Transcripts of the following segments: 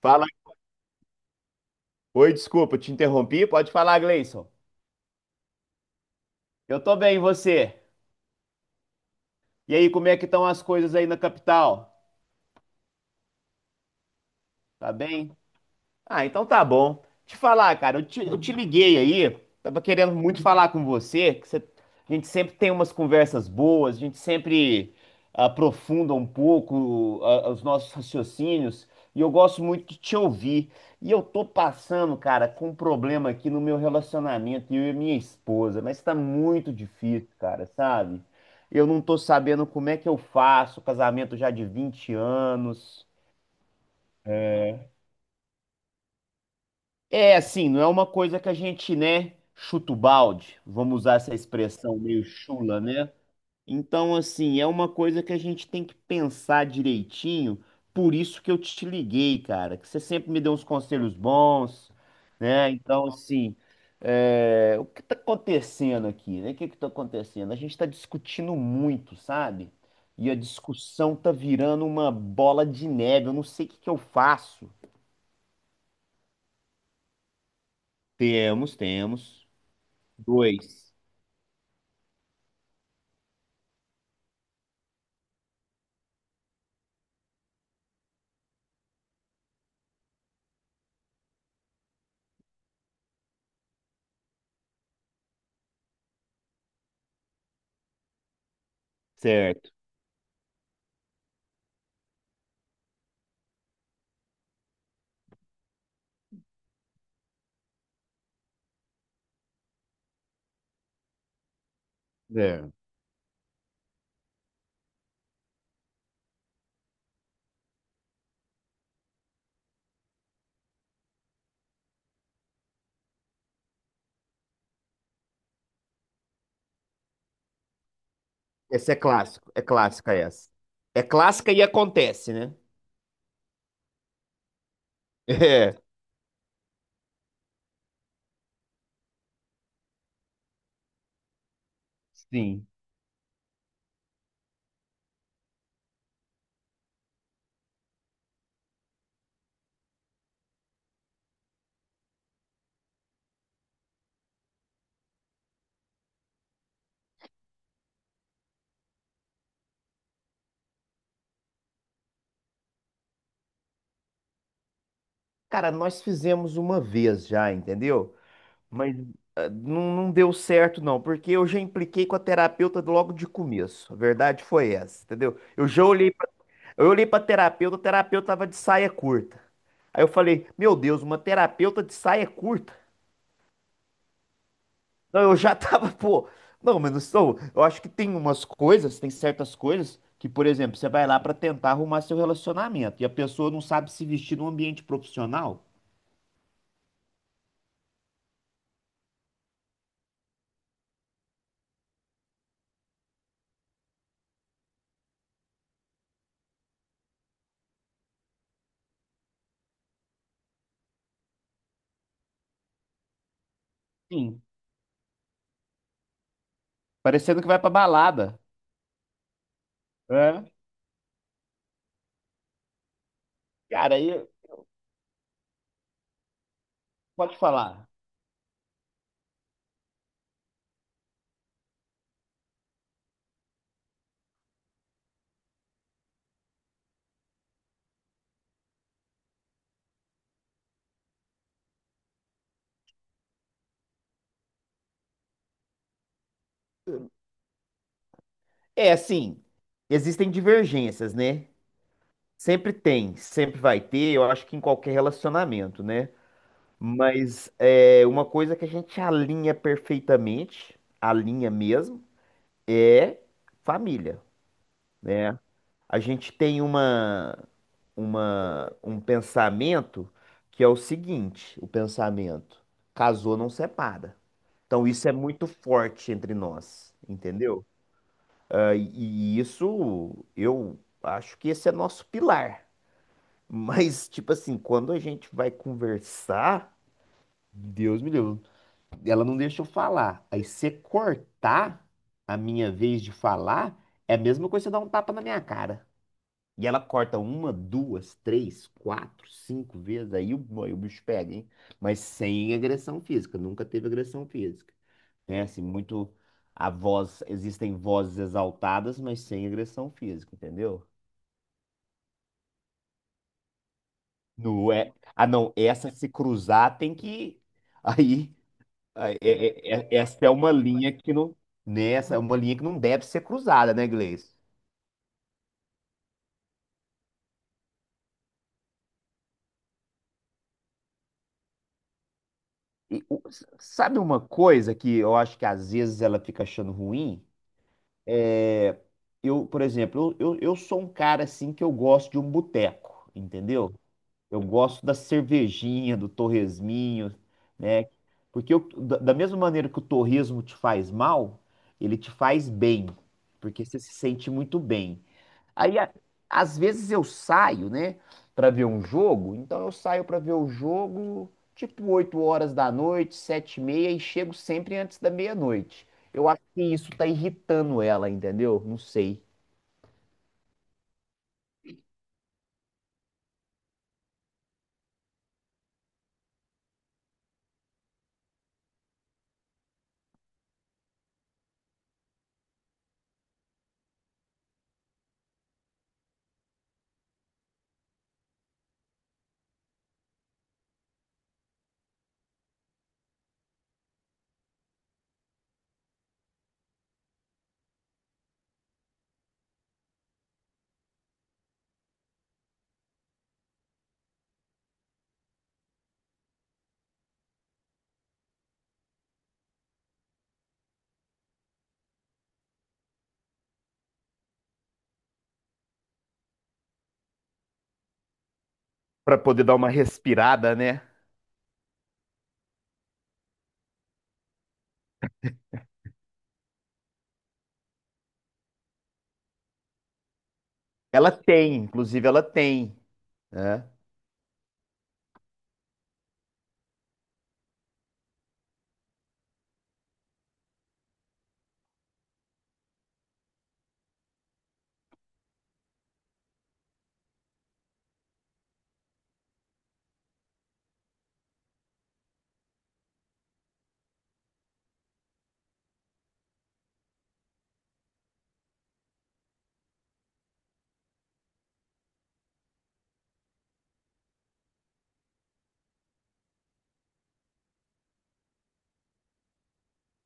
Fala. Oi, desculpa, te interrompi. Pode falar, Gleison. Eu tô bem, e você? E aí, como é que estão as coisas aí na capital? Tá bem? Ah, então tá bom. Te falar, cara, eu te liguei aí, tava querendo muito falar com você, a gente sempre tem umas conversas boas, a gente sempre aprofunda um pouco os nossos raciocínios, e eu gosto muito de te ouvir. E eu tô passando, cara, com um problema aqui no meu relacionamento, eu e minha esposa, mas tá muito difícil, cara, sabe? Eu não tô sabendo como é que eu faço, casamento já de 20 anos. É assim, não é uma coisa que a gente, né, chuta o balde, vamos usar essa expressão meio chula, né? Então, assim, é uma coisa que a gente tem que pensar direitinho, por isso que eu te liguei, cara, que você sempre me deu uns conselhos bons, né? Então, assim, o que tá acontecendo aqui, né? O que que tá acontecendo? A gente tá discutindo muito, sabe? E a discussão tá virando uma bola de neve, eu não sei o que que eu faço. Temos, temos. Dois. Certo. É. Essa é clássico, é clássica essa. É clássica e acontece, né? É. Sim. Cara, nós fizemos uma vez já, entendeu? Mas não, não deu certo, não, porque eu já impliquei com a terapeuta logo de começo. A verdade foi essa, entendeu? Eu olhei pra terapeuta, a terapeuta tava de saia curta. Aí eu falei, meu Deus, uma terapeuta de saia curta? Não, eu já tava, pô. Não, mas não sou. Eu acho que tem certas coisas que, por exemplo, você vai lá pra tentar arrumar seu relacionamento e a pessoa não sabe se vestir num ambiente profissional. Sim. Parecendo que vai pra balada. É. Cara, aí pode falar. É assim, existem divergências, né? Sempre tem, sempre vai ter, eu acho que em qualquer relacionamento, né? Mas é uma coisa que a gente alinha perfeitamente, alinha mesmo, é família. Né? A gente tem um pensamento que é o seguinte, o pensamento, casou não separa. Então isso é muito forte entre nós, entendeu? Ah, e e isso eu acho que esse é nosso pilar. Mas, tipo assim, quando a gente vai conversar, Deus me livre, ela não deixa eu falar. Aí você cortar a minha vez de falar é a mesma coisa que você dar um tapa na minha cara. E ela corta uma, duas, três, quatro, cinco vezes, aí o bicho pega, hein? Mas sem agressão física, nunca teve agressão física. Né? Assim, muito a voz, existem vozes exaltadas, mas sem agressão física, entendeu? Não é. Não, essa se cruzar tem que. Aí, aí, essa é uma linha que não. Nessa é uma linha que não deve ser cruzada, né, Gleice? E, sabe uma coisa que eu acho que às vezes ela fica achando ruim? É, eu, por exemplo, eu sou um cara assim que eu gosto de um boteco, entendeu? Eu gosto da cervejinha, do torresminho, né? Porque da mesma maneira que o torresmo te faz mal, ele te faz bem, porque você se sente muito bem. Aí, às vezes eu saio, né, pra ver um jogo. Então eu saio pra ver o jogo tipo 8 horas da noite, 7 e meia e chego sempre antes da meia-noite. Eu acho que isso tá irritando ela, entendeu? Não sei. Pra poder dar uma respirada, né? Inclusive ela tem, né?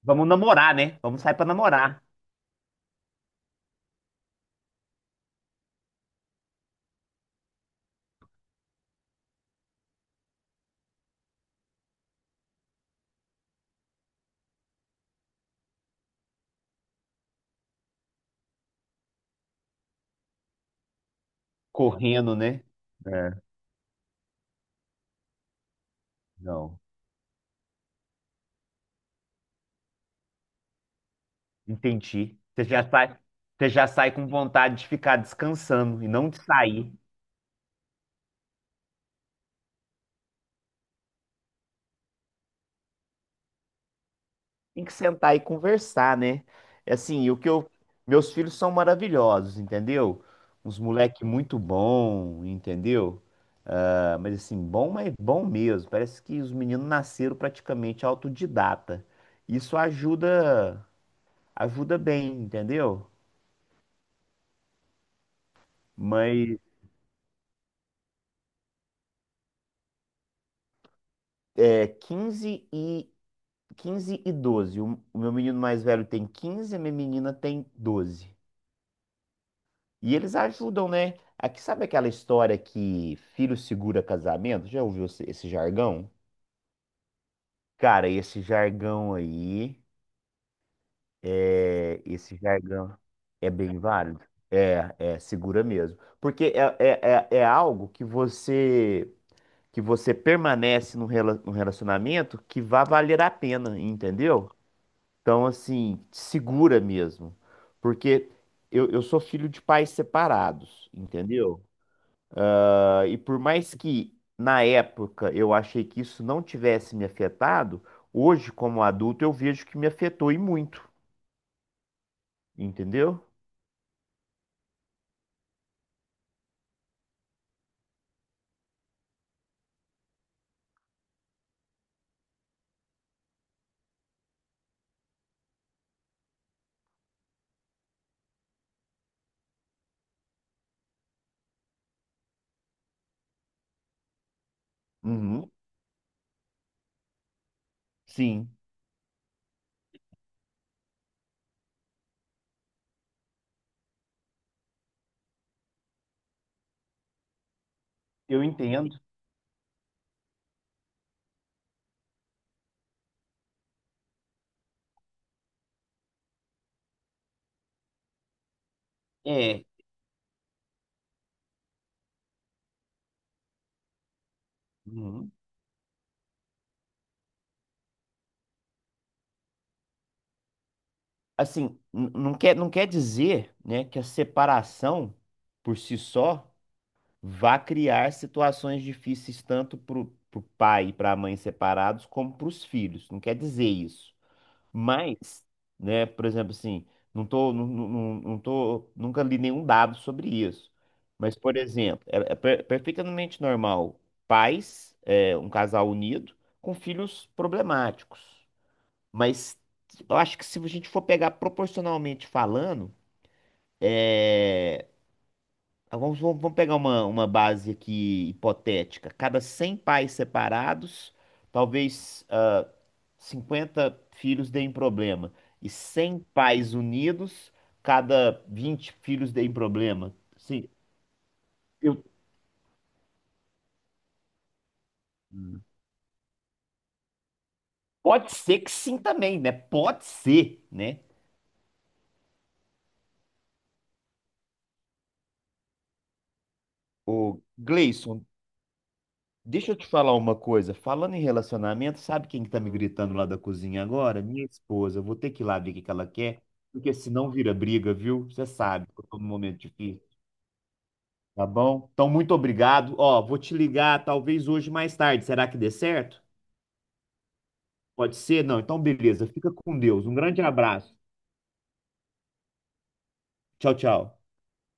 Vamos namorar, né? Vamos sair pra namorar. Correndo, né? É, não. Entendi. Você já sai com vontade de ficar descansando e não de sair. Tem que sentar e conversar, né? É, assim, o que eu. Meus filhos são maravilhosos, entendeu? Uns moleque muito bom, entendeu? Mas assim, bom, mas bom mesmo. Parece que os meninos nasceram praticamente autodidata. Isso ajuda, ajuda bem, entendeu? Mas é 15 e 12. O meu menino mais velho tem 15, a minha menina tem 12. E eles ajudam, né? Aqui, sabe aquela história que filho segura casamento? Já ouviu esse jargão? Cara, esse jargão aí, esse jargão é bem válido. É, é, segura mesmo. Porque é algo que você permanece num num relacionamento que vai valer a pena, entendeu? Então, assim, segura mesmo. Porque eu sou filho de pais separados, entendeu? E por mais que na época eu achei que isso não tivesse me afetado, hoje, como adulto, eu vejo que me afetou e muito, entendeu? Uhum, sim, eu entendo. É, Uhum, assim, não quer dizer, né, que a separação por si só vá criar situações difíceis tanto para o pai e para a mãe separados como para os filhos. Não quer dizer isso. Mas, né, por exemplo, assim, não tô, não, não, não não tô, nunca li nenhum dado sobre isso. Mas, por exemplo, perfeitamente normal pais, um casal unido, com filhos problemáticos. Mas eu acho que se a gente for pegar proporcionalmente falando, vamos pegar uma base aqui hipotética. Cada 100 pais separados, talvez. 50 filhos deem problema e 100 pais unidos, cada 20 filhos deem problema. Sim, eu Hum. pode ser que sim também, né? Pode ser, né? Ô, Gleison, deixa eu te falar uma coisa. Falando em relacionamento, sabe quem que tá me gritando lá da cozinha agora? Minha esposa. Eu vou ter que ir lá ver o que que ela quer, porque senão vira briga, viu? Você sabe que eu tô num momento difícil, tá bom? Então, muito obrigado. Ó, vou te ligar talvez hoje mais tarde. Será que dê certo? Pode ser? Não, então beleza. Fica com Deus. Um grande abraço. Tchau, tchau.